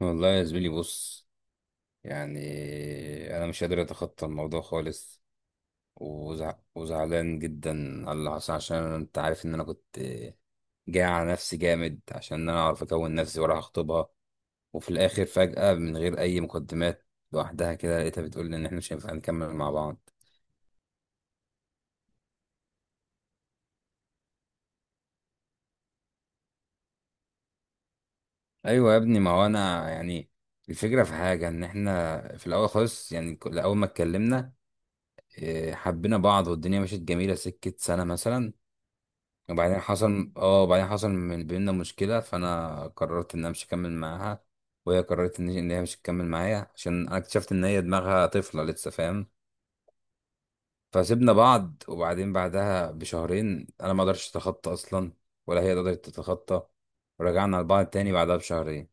والله يا زميلي، بص. يعني انا مش قادر اتخطى الموضوع خالص. وزعلان جدا على اللي حصل، عشان انت عارف ان انا كنت جاي على نفسي جامد، عشان انا اعرف اكون نفسي ولا هخطبها. وفي الاخر فجأة من غير اي مقدمات، لوحدها كده، لقيتها بتقول لي ان احنا مش هينفع نكمل مع بعض. ايوه يا ابني، ما هو انا الفكرة في حاجة ان احنا في الاول خالص، اول ما اتكلمنا، حبينا بعض والدنيا مشيت جميلة، سكة سنة مثلا. وبعدين حصل، من بيننا مشكلة، فأنا قررت إن أنا مش هكمل معاها، وهي قررت إن هي مش هتكمل معايا، عشان أنا اكتشفت إن هي دماغها طفلة لسه. فاهم؟ فسيبنا بعض. وبعدين بعدها بشهرين أنا ما قدرتش أتخطى أصلا، ولا هي قدرت تتخطى، ورجعنا لبعض تاني بعدها بشهرين.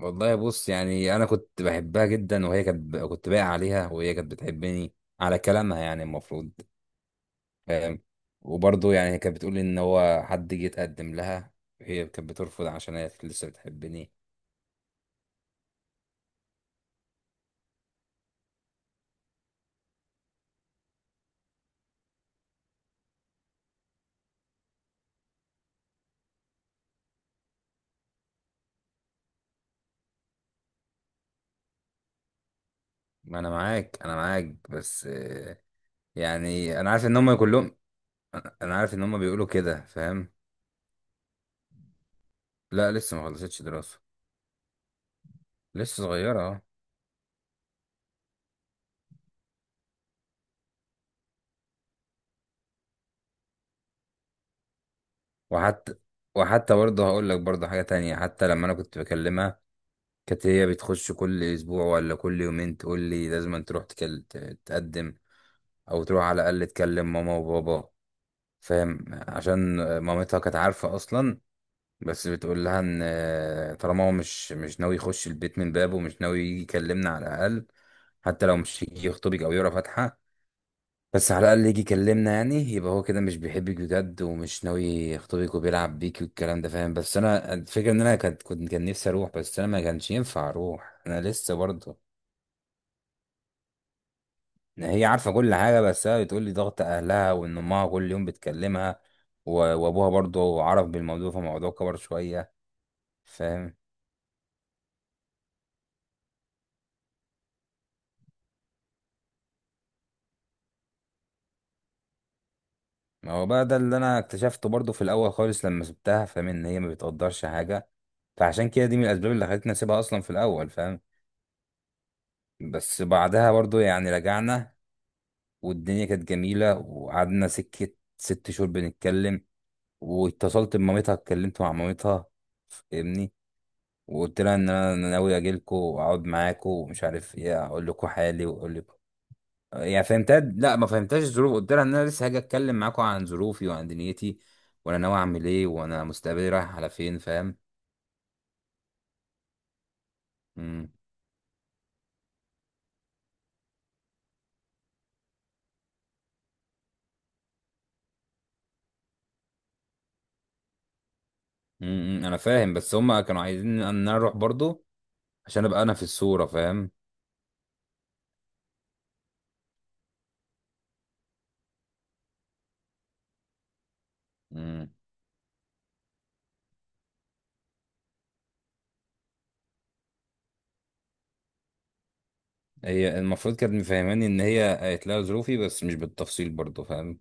والله بص، أنا كنت بحبها جدا، وهي كنت باقي عليها، وهي كانت بتحبني، على كلامها يعني المفروض. آم، وبرضه يعني هي كانت بتقول ان هو حد جه يتقدم لها، هي كانت بترفض عشان هي كانت لسه بتحبني. ما انا معاك، انا معاك، بس يعني انا عارف ان هم كلهم، انا عارف ان هم بيقولوا كده. فاهم؟ لا، لسه ما خلصتش دراسة. لسه صغيرة، اه. وحتى وحتى برضه هقول لك برضه حاجة تانية، حتى لما انا كنت بكلمها، كانت هي بتخش كل اسبوع ولا كل يومين تقول لي لازم أن تروح تقدم، او تروح على الاقل تكلم ماما وبابا. فاهم؟ عشان مامتها كانت عارفة أصلا، بس بتقول لها إن طالما هو مش ناوي يخش البيت من بابه، مش ناوي يجي يكلمنا على الأقل، حتى لو مش يجي يخطبك أو يقرا فاتحة، بس على الأقل يجي يكلمنا، يعني يبقى هو كده مش بيحبك بجد، ومش ناوي يخطبك، وبيلعب بيك، والكلام ده. فاهم؟ بس أنا الفكرة إن أنا كان نفسي أروح، بس أنا ما كانش ينفع أروح، أنا لسه برضه. إن هي عارفة كل حاجة، بس هي بتقول لي ضغط أهلها، وإن أمها كل يوم بتكلمها، و- وأبوها برضه عرف بالموضوع، فالموضوع كبر شوية. فاهم؟ ما هو بقى ده اللي أنا اكتشفته برضه في الأول خالص لما سبتها. فاهم؟ إن هي ما بتقدرش حاجة. فعشان كده دي من الأسباب اللي خلتني أسيبها أصلا في الأول. فاهم؟ بس بعدها برضه، يعني رجعنا، والدنيا كانت جميلة، وقعدنا سكة 6 شهور بنتكلم. واتصلت بمامتها، اتكلمت مع مامتها. فاهمني؟ وقلت لها ان انا ناوي اجي لكم واقعد معاكم، ومش عارف ايه، اقول لكم حالي واقول لكم، يعني فهمتها. لا، ما فهمتهاش الظروف. قلت لها ان انا لسه هاجي اتكلم معاكم عن ظروفي وعن دنيتي، وانا ناوي اعمل ايه، وانا مستقبلي رايح على فين. فاهم؟ امم. انا فاهم، بس هما كانوا عايزين ان انا اروح برضو عشان ابقى انا في الصورة. فاهم؟ امم هي المفروض كانت مفهماني ان هي قالت لها ظروفي، بس مش بالتفصيل برضو. فاهم؟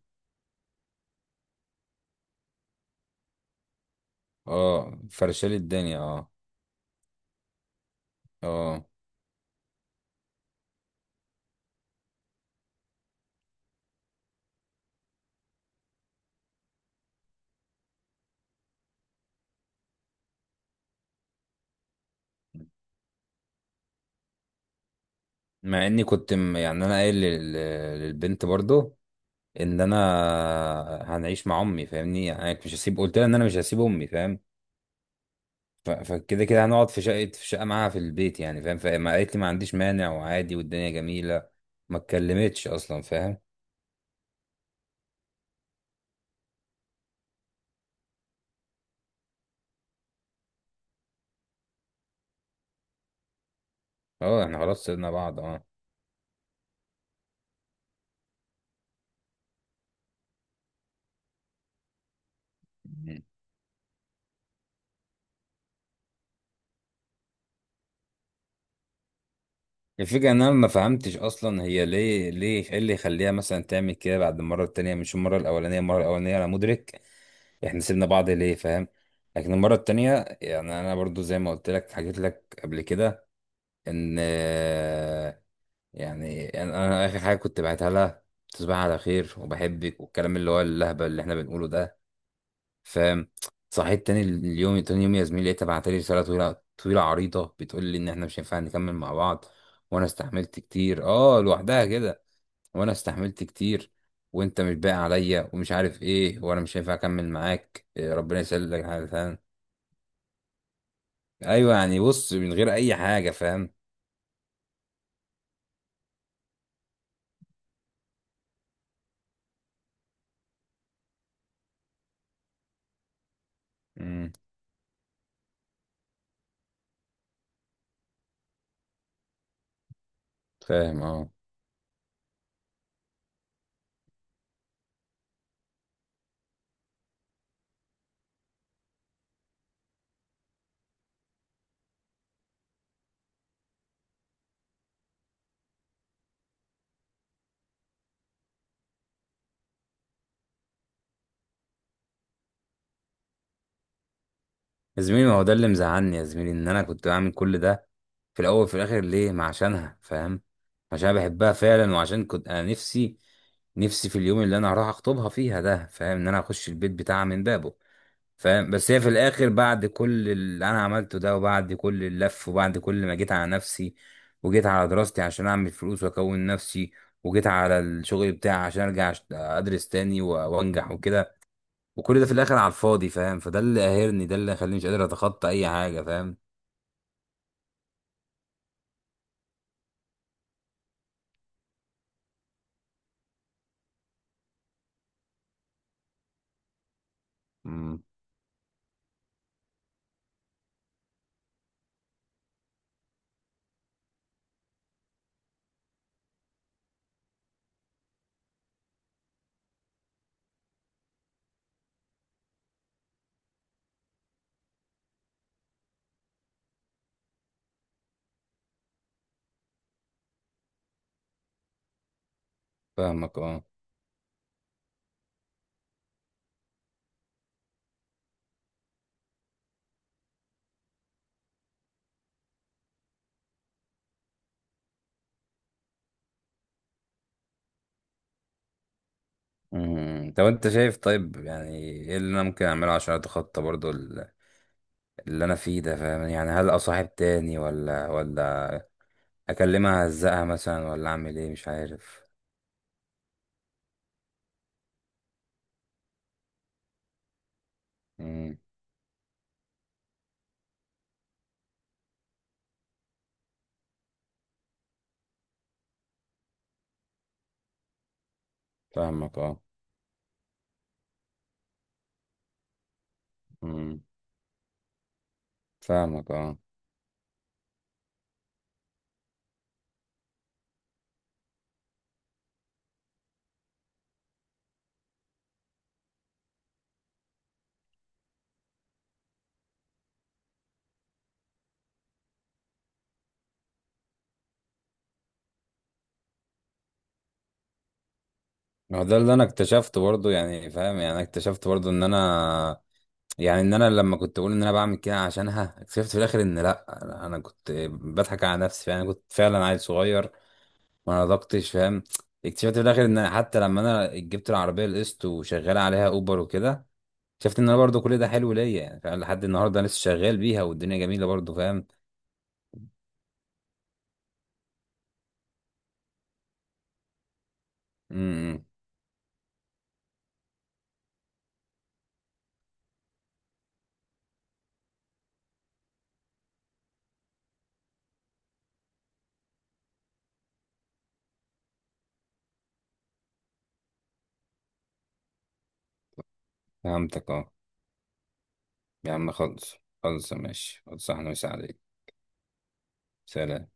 اه، فرشالي الدنيا، اه، اه. مع اني كنت، انا قايل للبنت برضو ان انا هنعيش مع امي. فاهمني؟ يعني أنا مش هسيب، قلت لها ان انا مش هسيب امي. فاهم؟ ف- فكده كده هنقعد في شقه معاها في البيت يعني. فاهم؟ فما قالت لي ما عنديش مانع وعادي، والدنيا جميله. ما اتكلمتش اصلا. فاهم؟ اه، احنا خلاص سيبنا بعض، اه. مم. الفكره ان انا ما فهمتش اصلا هي ليه، ايه اللي يخليها مثلا تعمل كده بعد المره التانيه، مش المره الاولانيه. المره الاولانيه انا مدرك احنا سيبنا بعض ليه. فاهم؟ لكن المرة التانية، يعني انا برضو زي ما قلت لك، حكيت لك قبل كده ان انا اخر حاجة كنت بعتها لها، تصبح على خير وبحبك، والكلام اللي هو اللهبة اللي احنا بنقوله ده. فاهم؟ صحيت تاني اليوم، تاني يوم يا زميلي، لقيتها بعتلي رسالة طويلة طويلة عريضة بتقول لي ان احنا مش هينفع نكمل مع بعض، وانا استحملت كتير، اه، لوحدها كده، وانا استحملت كتير، وانت مش باقي عليا، ومش عارف ايه، وانا مش هينفع اكمل معاك، ربنا يسهل لك حاجه. فاهم؟ ايوه، بص، من غير اي حاجه. فاهم؟ امم فاهم، اه. يا زميلي، ما هو ده اللي مزعلني يا زميلي، ان انا كنت بعمل كل ده في الاول وفي الاخر ليه؟ ما عشانها. فاهم؟ عشان أنا بحبها فعلا، وعشان كنت انا نفسي، نفسي في اليوم اللي انا هروح اخطبها فيها ده. فاهم؟ ان انا اخش البيت بتاعها من بابه. فاهم؟ بس هي في الاخر بعد كل اللي انا عملته ده، وبعد كل اللف، وبعد كل ما جيت على نفسي، وجيت على دراستي عشان اعمل فلوس واكون نفسي، وجيت على الشغل بتاعي عشان ارجع ادرس تاني، و- وانجح وكده، وكل ده في الاخر على الفاضي. فاهم؟ فده اللي قاهرني، ده اللي خليني مش قادر اتخطى اي حاجه. فاهم؟ مم. فاهمك، اه. مم. طب انت شايف؟ طيب يعني ايه اللي انا ممكن اعمله عشان اتخطى برضو اللي انا فيه ده. فاهم؟ يعني هل اصاحب تاني، ولا اكلمها اهزقها مثلا، ولا اعمل ايه؟ مش عارف. امم فاهمك، اه. امم فاهمك، اه. ما هو ده اللي انا اكتشفته برضه، يعني فاهم؟ يعني انا اكتشفت برضه ان انا، يعني ان انا لما كنت بقول ان انا بعمل كده عشانها، اكتشفت في الاخر ان لا، انا كنت بضحك على نفسي. يعني كنت فعلا عيل صغير، ما نضجتش. فاهم؟ اكتشفت في الاخر ان حتى لما انا جبت العربيه القسط وشغال عليها اوبر وكده، اكتشفت ان انا برضه كل ده حلو ليا، يعني فعلا لحد النهارده أنا لسه شغال بيها والدنيا جميله برضه. فاهم؟ فهمتك، اه. يا عم خلص. خلص، ماشي، خلص، احنا مساعدين. سلام.